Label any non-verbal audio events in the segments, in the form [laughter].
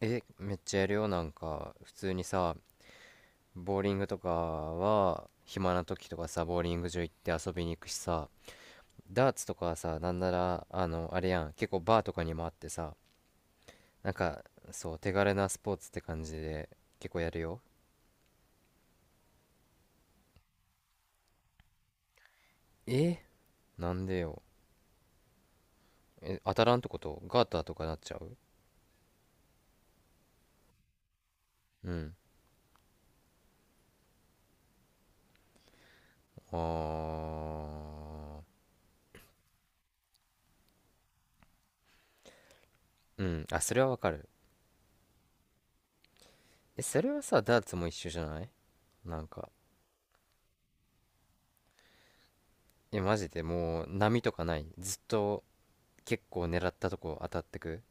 え、めっちゃやるよ。なんか、普通にさ、ボーリングとかは、暇な時とかさ、ボーリング場行って遊びに行くしさ、ダーツとかはさ、なんなら、あれやん、結構バーとかにもあってさ、なんか、そう、手軽なスポーツって感じで、結構やるよ。え、なんでよ。え、当たらんってこと、ガーターとかなっちゃう？うん。あー、うん。あ、それはわかる。え、それはさ、ダーツも一緒じゃない、なんか。え、マジで、もう波とかない？ずっと結構狙ったとこ当たってく？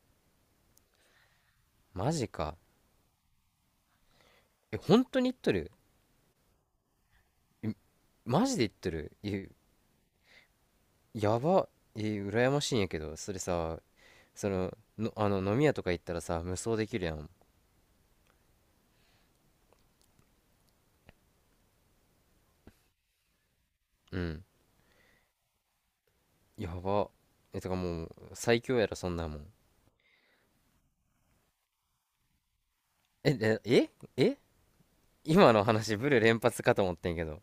マジか。え、本当に言っとる？え、マジで言っとる？え、やば。え、羨ましいんやけど、それさ、その飲み屋とか行ったらさ無双できるやん。うん。やば。え、とかもう最強やろそんなもん。ええええ、今の話ブル連発かと思ってんけど。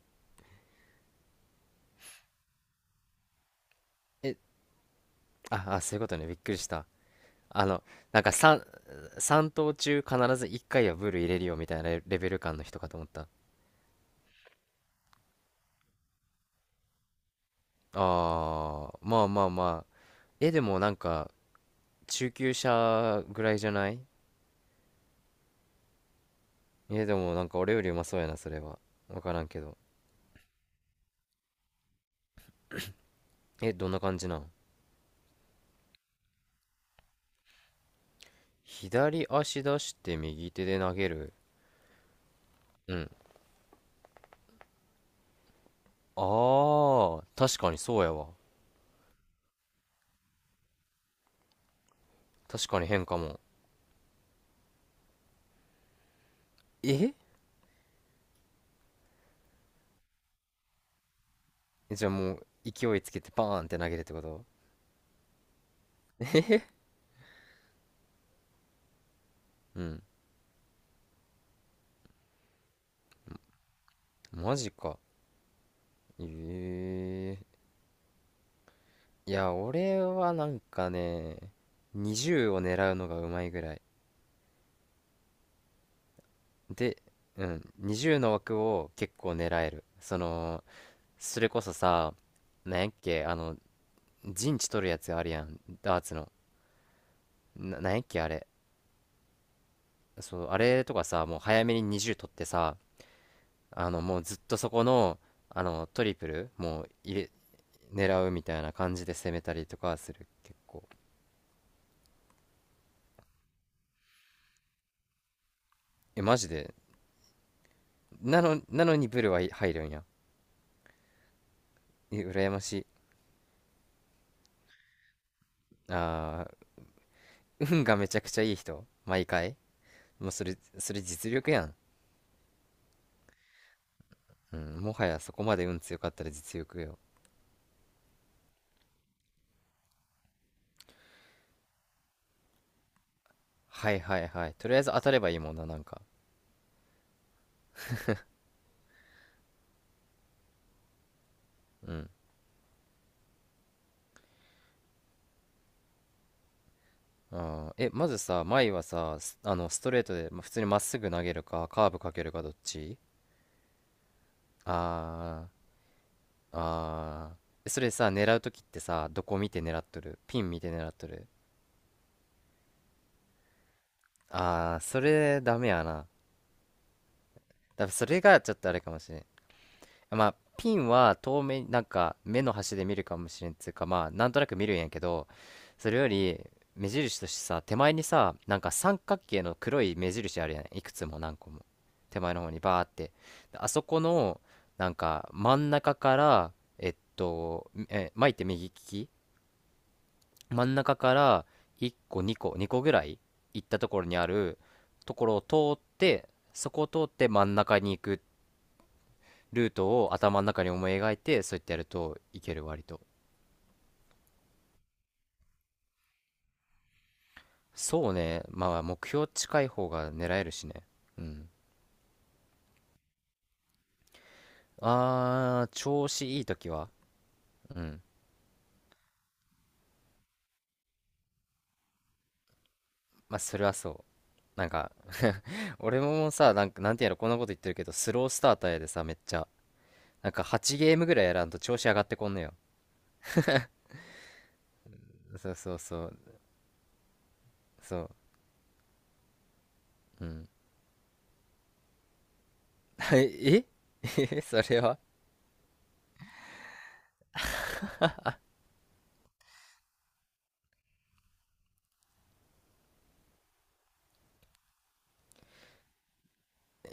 え、ああ、そういうことね、びっくりした。あのなんか 3投中必ず1回はブル入れるよみたいなレベル感の人かと思った。ああ、まあまあまあ。え、でもなんか、中級者ぐらいじゃない？え、でもなんか俺よりうまそうやな、それは。わからんけど。え、どんな感じなん？左足出して右手で投げる。うん。ああ、確かにそうやわ。確かに変かも。え。じゃあもう、勢いつけてバーンって投げるってこと？うん。マジか。ええ。いや、俺はなんかね、20を狙うのがうまいぐらい。で、うん、20の枠を結構狙える。その、それこそさ、なんやっけ、陣地取るやつあるやん、ダーツの。なんやっけ、あれ。そう、あれとかさ、もう早めに20取ってさ、もうずっとそこの、あの、トリプル、もう入れ、狙うみたいな感じで攻めたりとかする、結構。え、マジで。なのにブル、はい、入るんや。え、羨ましい。あー、運がめちゃくちゃいい人、毎回。もうそれ実力やん。うん、もはやそこまで運強かったら実力よ。はいはいはい。とりあえず当たればいいもんな、なんか。うん。あー、え、まずさ、前はさ、スあの、ストレートで、普通にまっすぐ投げるか、カーブかけるか、どっち？あー、あー。え、それさ、狙うときってさ、どこ見て狙っとる、ピン見て狙っとる？あー、それダメやな。多分それがちょっとあれかもしれん。まあ、ピンは遠目、なんか目の端で見るかもしれんっつうか、まあ、なんとなく見るんやけど、それより目印としてさ、手前にさ、なんか三角形の黒い目印あるやん、いくつも何個も。手前の方にバーって。であそこの、なんか真ん中から、え、巻いて右利き？真ん中から1個、2個、2個ぐらい行ったところにあるところを通って、そこを通って真ん中に行くっ、ルートを頭の中に思い描いて、そうやってやるといける、割と。そうね。まあ、目標近い方が狙えるしね。うん。あー、調子いい時は。うん。まあ、それはそう。なんか、俺もさ、なんか、なんていうの、こんなこと言ってるけど、スロースターターやでさ、めっちゃ。なんか、8ゲームぐらいやらんと調子上がってこんのよ。そうそうそう、そう。うん。[laughs] ええ [laughs] それは。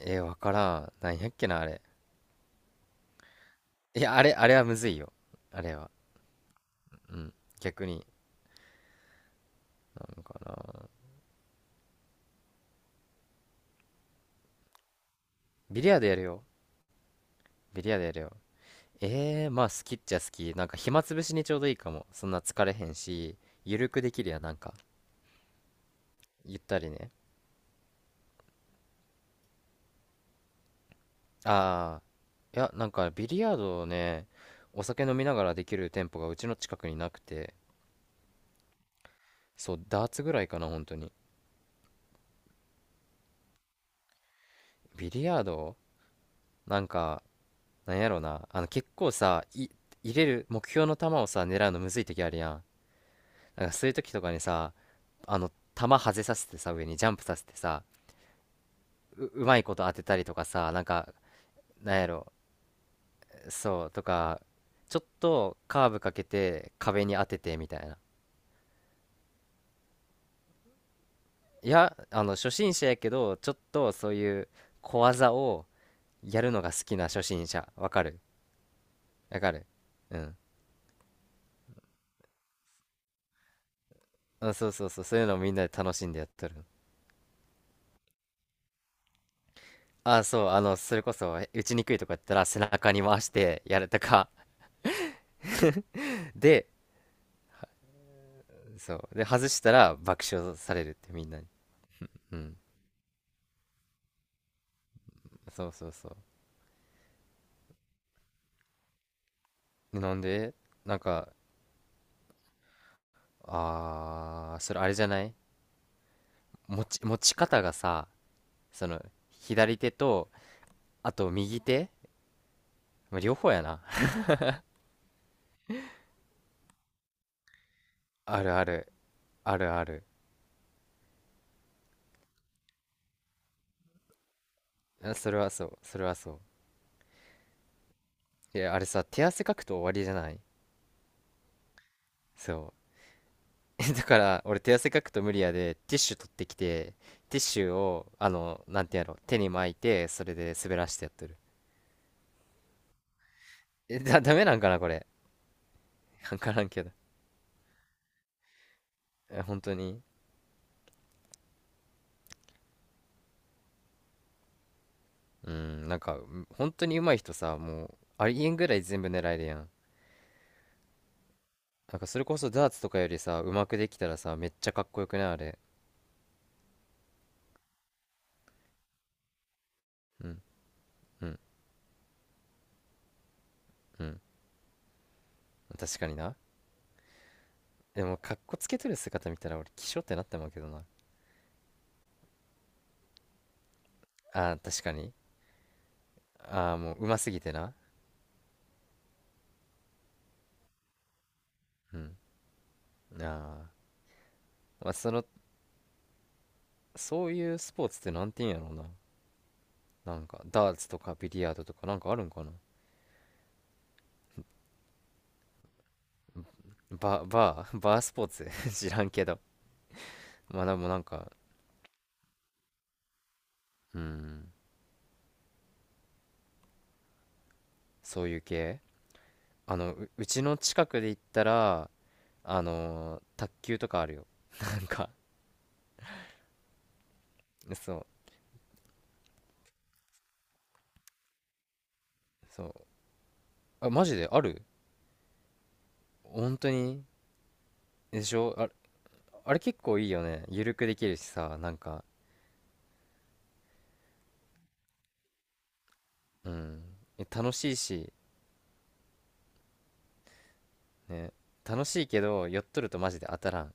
え、わからん。なんやっけな、あれ。いや、あれはむずいよ。あれは。うん。逆に、なのかな。ビリヤードやるよ。ビリヤードやるよ。まあ好きっちゃ好き。なんか暇つぶしにちょうどいいかも。そんな疲れへんし、ゆるくできるやん、なんか。ゆったりね。あー、いや、なんかビリヤードをね、お酒飲みながらできる店舗がうちの近くになくて、そう、ダーツぐらいかな、本当に。ビリヤード、なんか、なんやろな。結構さ、入れる目標の球をさ、狙うのむずい時あるやん。なんかそういう時とかにさ、球外させてさ、上にジャンプさせてさ、うまいこと当てたりとかさ、なんか、なんやろ、そう、とか、ちょっとカーブかけて壁に当ててみたいな。いや、初心者やけど、ちょっとそういう小技をやるのが好きな初心者。わかる？わかる。うん。あ、そうそうそう、そういうのをみんなで楽しんでやっとる。あ、そう、それこそ、打ちにくいとかやったら背中に回してやるとか、で、そう、で、外したら爆笑されるってみんなに。うん。そうそうそう。なんで。なんか、あー、それあれじゃない、持ち方がさ、その、左手と、あと右手、まあ両方やな。[laughs] あるある、あるある。あ、それはそう、それはそう。いや、あれさ、手汗かくと終わりじゃない？そう。[laughs] だから、俺手汗かくと無理やで、ティッシュ取ってきて、ティッシュを、なんてやろう、手に巻いて、それで滑らしてやってる。え、ダメなんかな、これ。[laughs] わからんけど。え、本当に？うん、なんか、本当に上手い人さ、もう、ありえんぐらい全部狙えるやん。なんかそれこそダーツとかよりさ、うまくできたらさ、めっちゃかっこよくないあれ？うん、うん、うん。確かにな。でも、かっこつけとる姿見たら俺、気性ってなってまうけどな。あー確かに。あーもう、うますぎてな。うん。ああ。まあ、そういうスポーツってなんて言うんやろうな。なんか、ダーツとかビリヤードとかなんかあるんかな。バー [laughs]、バースポーツ [laughs] 知らんけど。まあでもなんか、うん、そういう系。うちの近くで言ったら、卓球とかあるよ。なんか、そうそう、あ、マジである？本当に？でしょ。あ、あれ結構いいよね、ゆるくできるしさ、なんか。うん。え、楽しいしね。楽しいけどやっとるとマジで当たらん。